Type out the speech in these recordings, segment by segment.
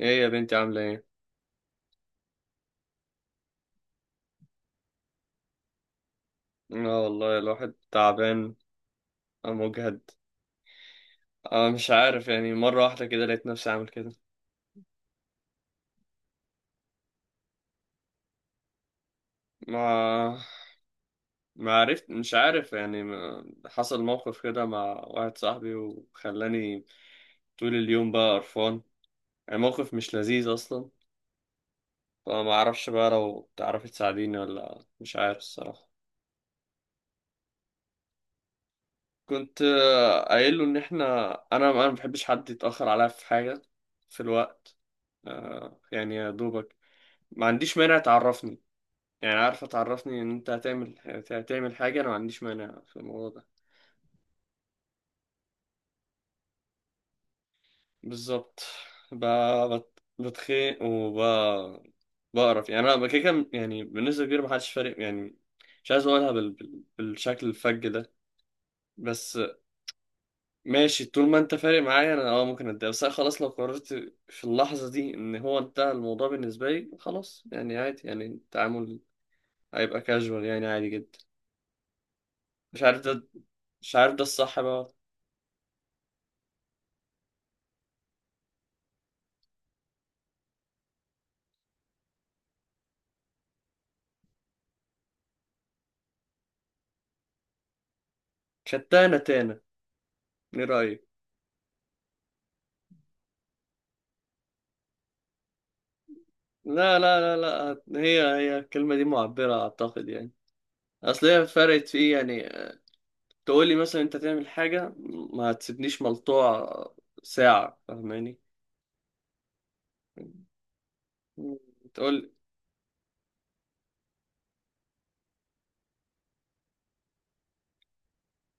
ايه يا بنتي، عاملة ايه؟ اه والله الواحد تعبان، مجهد. اه، مش عارف، يعني مرة واحدة كده لقيت نفسي عامل كده. ما ما عرفت، مش عارف يعني، حصل موقف كده مع واحد صاحبي وخلاني طول اليوم بقى قرفان. يعني موقف مش لذيذ اصلا، فما اعرفش بقى لو تعرفي تساعديني ولا مش عارف الصراحة. كنت قايل له ان احنا، انا ما بحبش حد يتأخر عليا في حاجة، في الوقت. يعني يا دوبك ما عنديش مانع تعرفني، يعني عارفة تعرفني ان انت هتعمل، حاجة انا ما عنديش مانع في الموضوع ده. بالظبط. ب... بتخيق بقرف يعني، انا كده كده يعني بالنسبة كبيرة، ما حدش فارق يعني. مش عايز اقولها بالشكل الفج ده، بس. ماشي، طول ما انت فارق معايا انا ممكن اتضايق، بس انا خلاص لو قررت في اللحظة دي ان هو انتهى الموضوع بالنسبة لي، خلاص يعني عادي، يعني التعامل هيبقى كاجوال يعني عادي جدا. مش عارف ده مش عارف ده الصح بقى. شتانة تانة، ايه رأيك؟ لا، لا، لا، لا، هي هي الكلمة دي معبرة أعتقد يعني. أصل هي فرقت في إيه يعني؟ تقولي مثلا أنت تعمل حاجة، ما هتسيبنيش ملطوع ساعة، فاهماني؟ تقول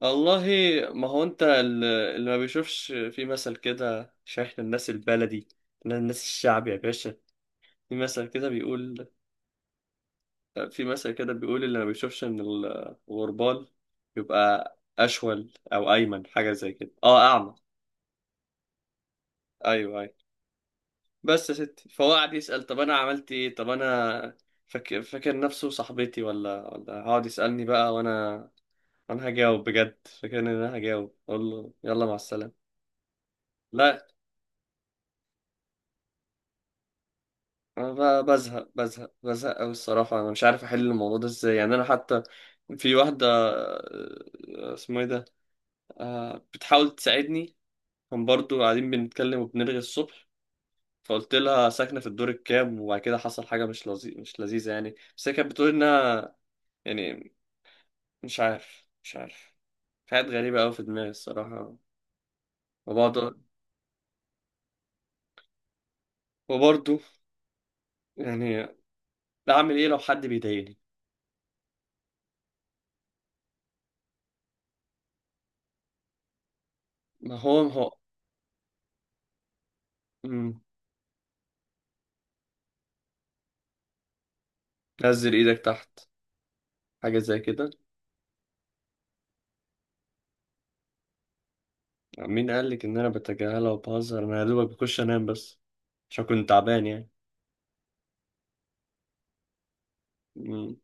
والله، ما هو أنت اللي ما بيشوفش في مثل كده، عشان إحنا الناس البلدي. إحنا الناس الشعب يا باشا، في مثل كده بيقول في مثل كده بيقول اللي ما بيشوفش ان الغربال يبقى اشول او ايمن حاجه زي كده، اعمى. ايوه، ايوه. بس يا ستي، فهو قعد يسال، طب انا عملت ايه؟ طب انا فاكر نفسه صاحبتي ولا هقعد يسالني بقى، وانا هجاوب بجد؟ فاكر ان انا هجاوب اقول له يلا مع السلامه؟ لا. انا بزهق بزهق بزهق قوي الصراحه، انا مش عارف احل الموضوع ده ازاي يعني، انا حتى في واحده، اسمه ايه ده، بتحاول تساعدني. كان برضو قاعدين بنتكلم وبنرغي الصبح، فقلت لها ساكنة في الدور الكام، وبعد كده حصل حاجة مش لذيذة يعني، بس هي كانت بتقول إنها يعني، مش عارف. في حاجات غريبة أوي في دماغي الصراحة. وبقعد، وبرضو، يعني، أعمل إيه لو حد بيضايقني؟ ما هو. مم. نزل إيدك تحت، حاجة زي كده. مين قالك إن أنا بتجاهلها وبهزر؟ أنا يا دوبك بخش أنام بس، عشان كنت تعبان يعني. مم.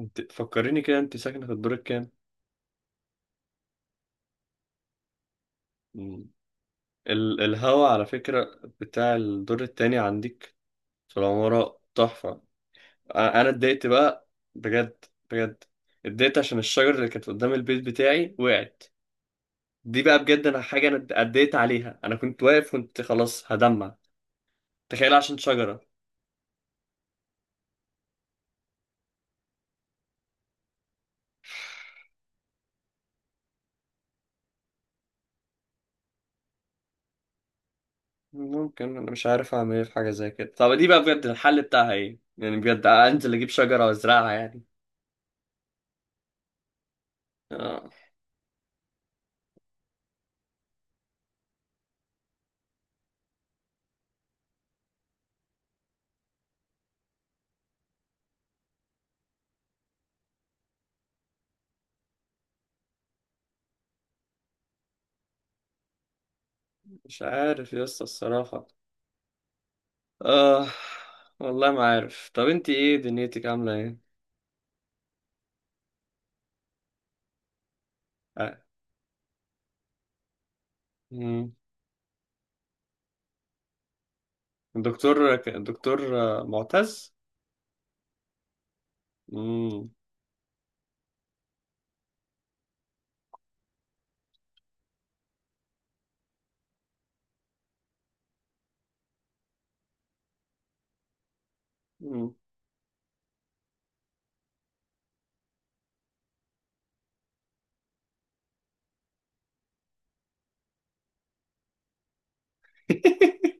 انت فكريني كده، أنت ساكنة في الدور الكام؟ الهوا على فكرة بتاع الدور التاني عندك في العمارة تحفة. أنا اتضايقت بقى، بجد، بجد، اتضايقت عشان الشجرة اللي كانت قدام البيت بتاعي وقعت. دي بقى بجد أنا حاجة، أنا اتضايقت عليها، أنا كنت واقف كنت خلاص هدمع. تخيل، عشان شجرة. ممكن، أنا مش عارف أعمل إيه في حاجة زي كده، طب دي بقى بجد الحل بتاعها إيه يعني؟ بجد أنزل أجيب شجرة وأزرعها يعني؟ آه. مش عارف يا اسطى الصراحة. آه والله ما عارف، طب انت، ايه دنيتك، عاملة ايه؟ آه، مم. الدكتور الدكتور معتز. مم. مم.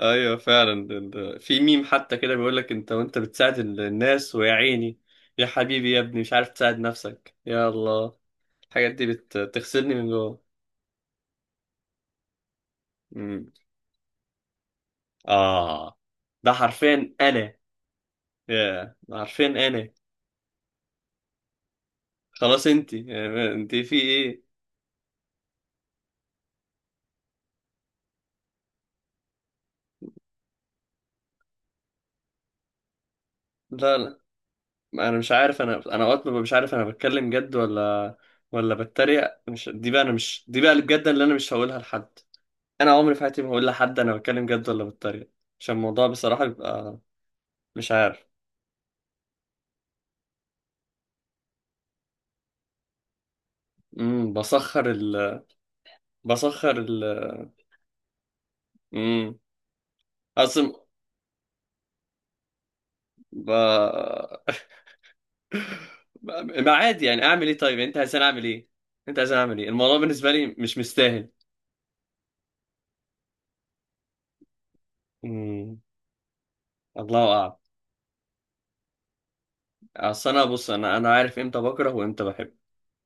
ايوه فعلا، في ميم حتى كده بيقول لك، انت وانت بتساعد الناس ويا عيني. يا حبيبي يا ابني مش عارف تساعد نفسك، يا الله. الحاجات دي بتغسلني من جوه. مم. اه، ده حرفيا انا. يا ده حرفيا انا. خلاص، انت في ايه؟ لا، لا. انا مش عارف، انا اوقات ببقى مش عارف انا بتكلم جد ولا بتريق. مش دي بقى اللي بجد، اللي انا مش هقولها لحد. انا عمري في حياتي ما هقول لحد انا بتكلم جد ولا بتريق، عشان الموضوع بصراحة بيبقى، مش عارف. بسخر بسخر ال امم اصلا، ب... ما عادي يعني، اعمل ايه؟ طيب انت عايز اعمل ايه؟ الموضوع بالنسبة لي مش مستاهل. امم الله اعلم. اصل انا بص، انا عارف امتى بكره وامتى بحب.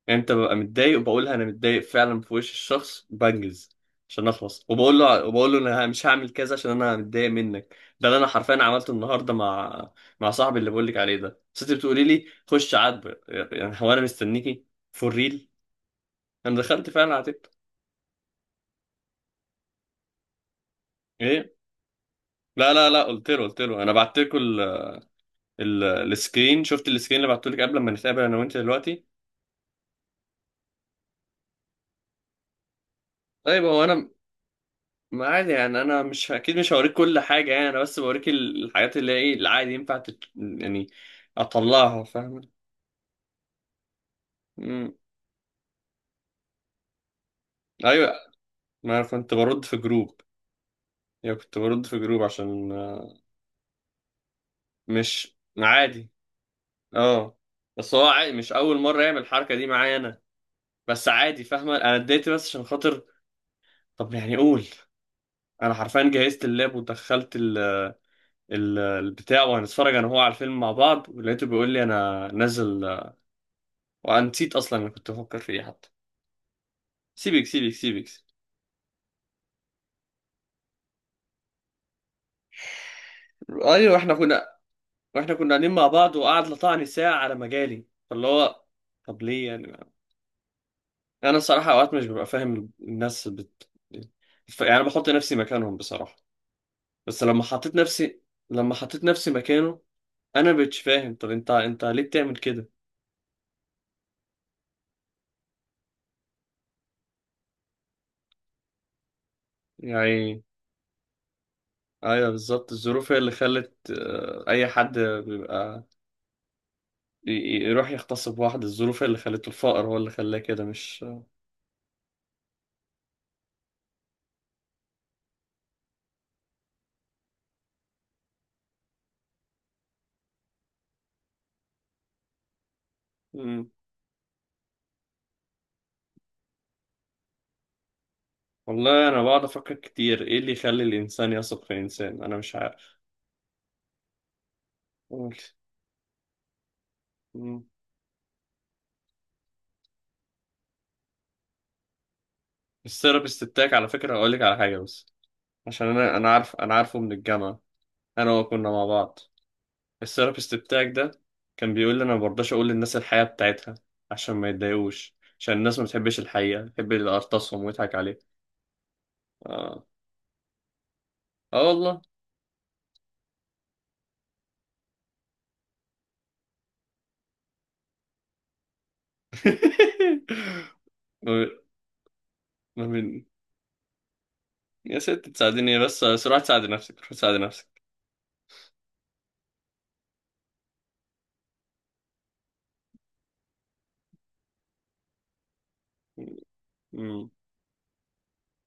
يعني انت ببقى متضايق وبقولها انا متضايق فعلا في وش الشخص بنجز عشان اخلص، وبقول له انا مش هعمل كذا عشان انا متضايق منك، ده اللي انا حرفيا عملته النهارده مع صاحبي اللي بقول لك عليه ده. بس انت بتقولي لي خش عاتبه، يعني هو انا مستنيكي؟ فور ريل. انا دخلت فعلا عاتبته. ايه، لا، لا، لا، قلت له انا بعت لكم السكرين، شفت السكرين اللي بعته لك قبل ما نتقابل انا وانت دلوقتي؟ طيب هو انا، ما عادي يعني، انا مش اكيد مش هوريك كل حاجه يعني، انا بس بوريك الحاجات اللي هي ايه العادي ينفع يعني اطلعها، فاهم؟ مم. ايوه، ما انا كنت برد في جروب، يعني كنت برد في جروب عشان مش عادي. اه، بس هو عادي، مش اول مره يعمل الحركه دي معايا انا. بس عادي فاهمه، انا اديت بس عشان خاطر، طب يعني قول. انا حرفيا جهزت اللاب ودخلت البتاع، وهنتفرج انا وهو على الفيلم مع بعض، ولقيته بيقول لي انا نازل. وانا نسيت اصلا انا كنت بفكر في ايه حتى. سيبك، سيبك، سيبك. ايوه، احنا كنا واحنا كنا قاعدين مع بعض وقعد لطعني ساعه على مجالي فاللي هو، طب ليه يعني؟ انا الصراحه اوقات مش ببقى فاهم الناس يعني بحط نفسي مكانهم بصراحه. بس لما حطيت نفسي مكانه، انا مبقتش فاهم، طب انت ليه بتعمل كده يعني؟ ايوه بالظبط، الظروف هي اللي خلت، اي حد بيبقى يروح يغتصب واحد، الظروف هي اللي خلته، الفقر هو اللي خلاه كده، مش. والله انا بقعد افكر كتير، ايه اللي يخلي الانسان يثق في الانسان؟ انا مش عارف. قول. مم. الثيرابيست بتاعك على فكره، اقول لك على حاجه، بس عشان انا عارف، انا عارفه من الجامعه، انا وهو كنا مع بعض. الثيرابيست بتاعك ده كان بيقول لي انا ما برضاش اقول للناس الحقيقه بتاعتها، عشان ما يتضايقوش، عشان الناس ما بتحبش الحقيقه، بتحب اللي ارتصهم ويضحك عليه. اه، اه والله. ما ما يا ست تساعديني بس، بس روح تساعدي نفسك، روح تساعدي نفسك. مم.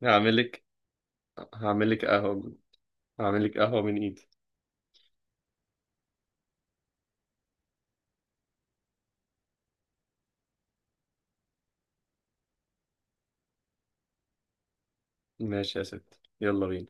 هعمل لك هعمل لك قهوة. هعمل لك قهوة من ايدي. ماشي يا ست، يلا بينا.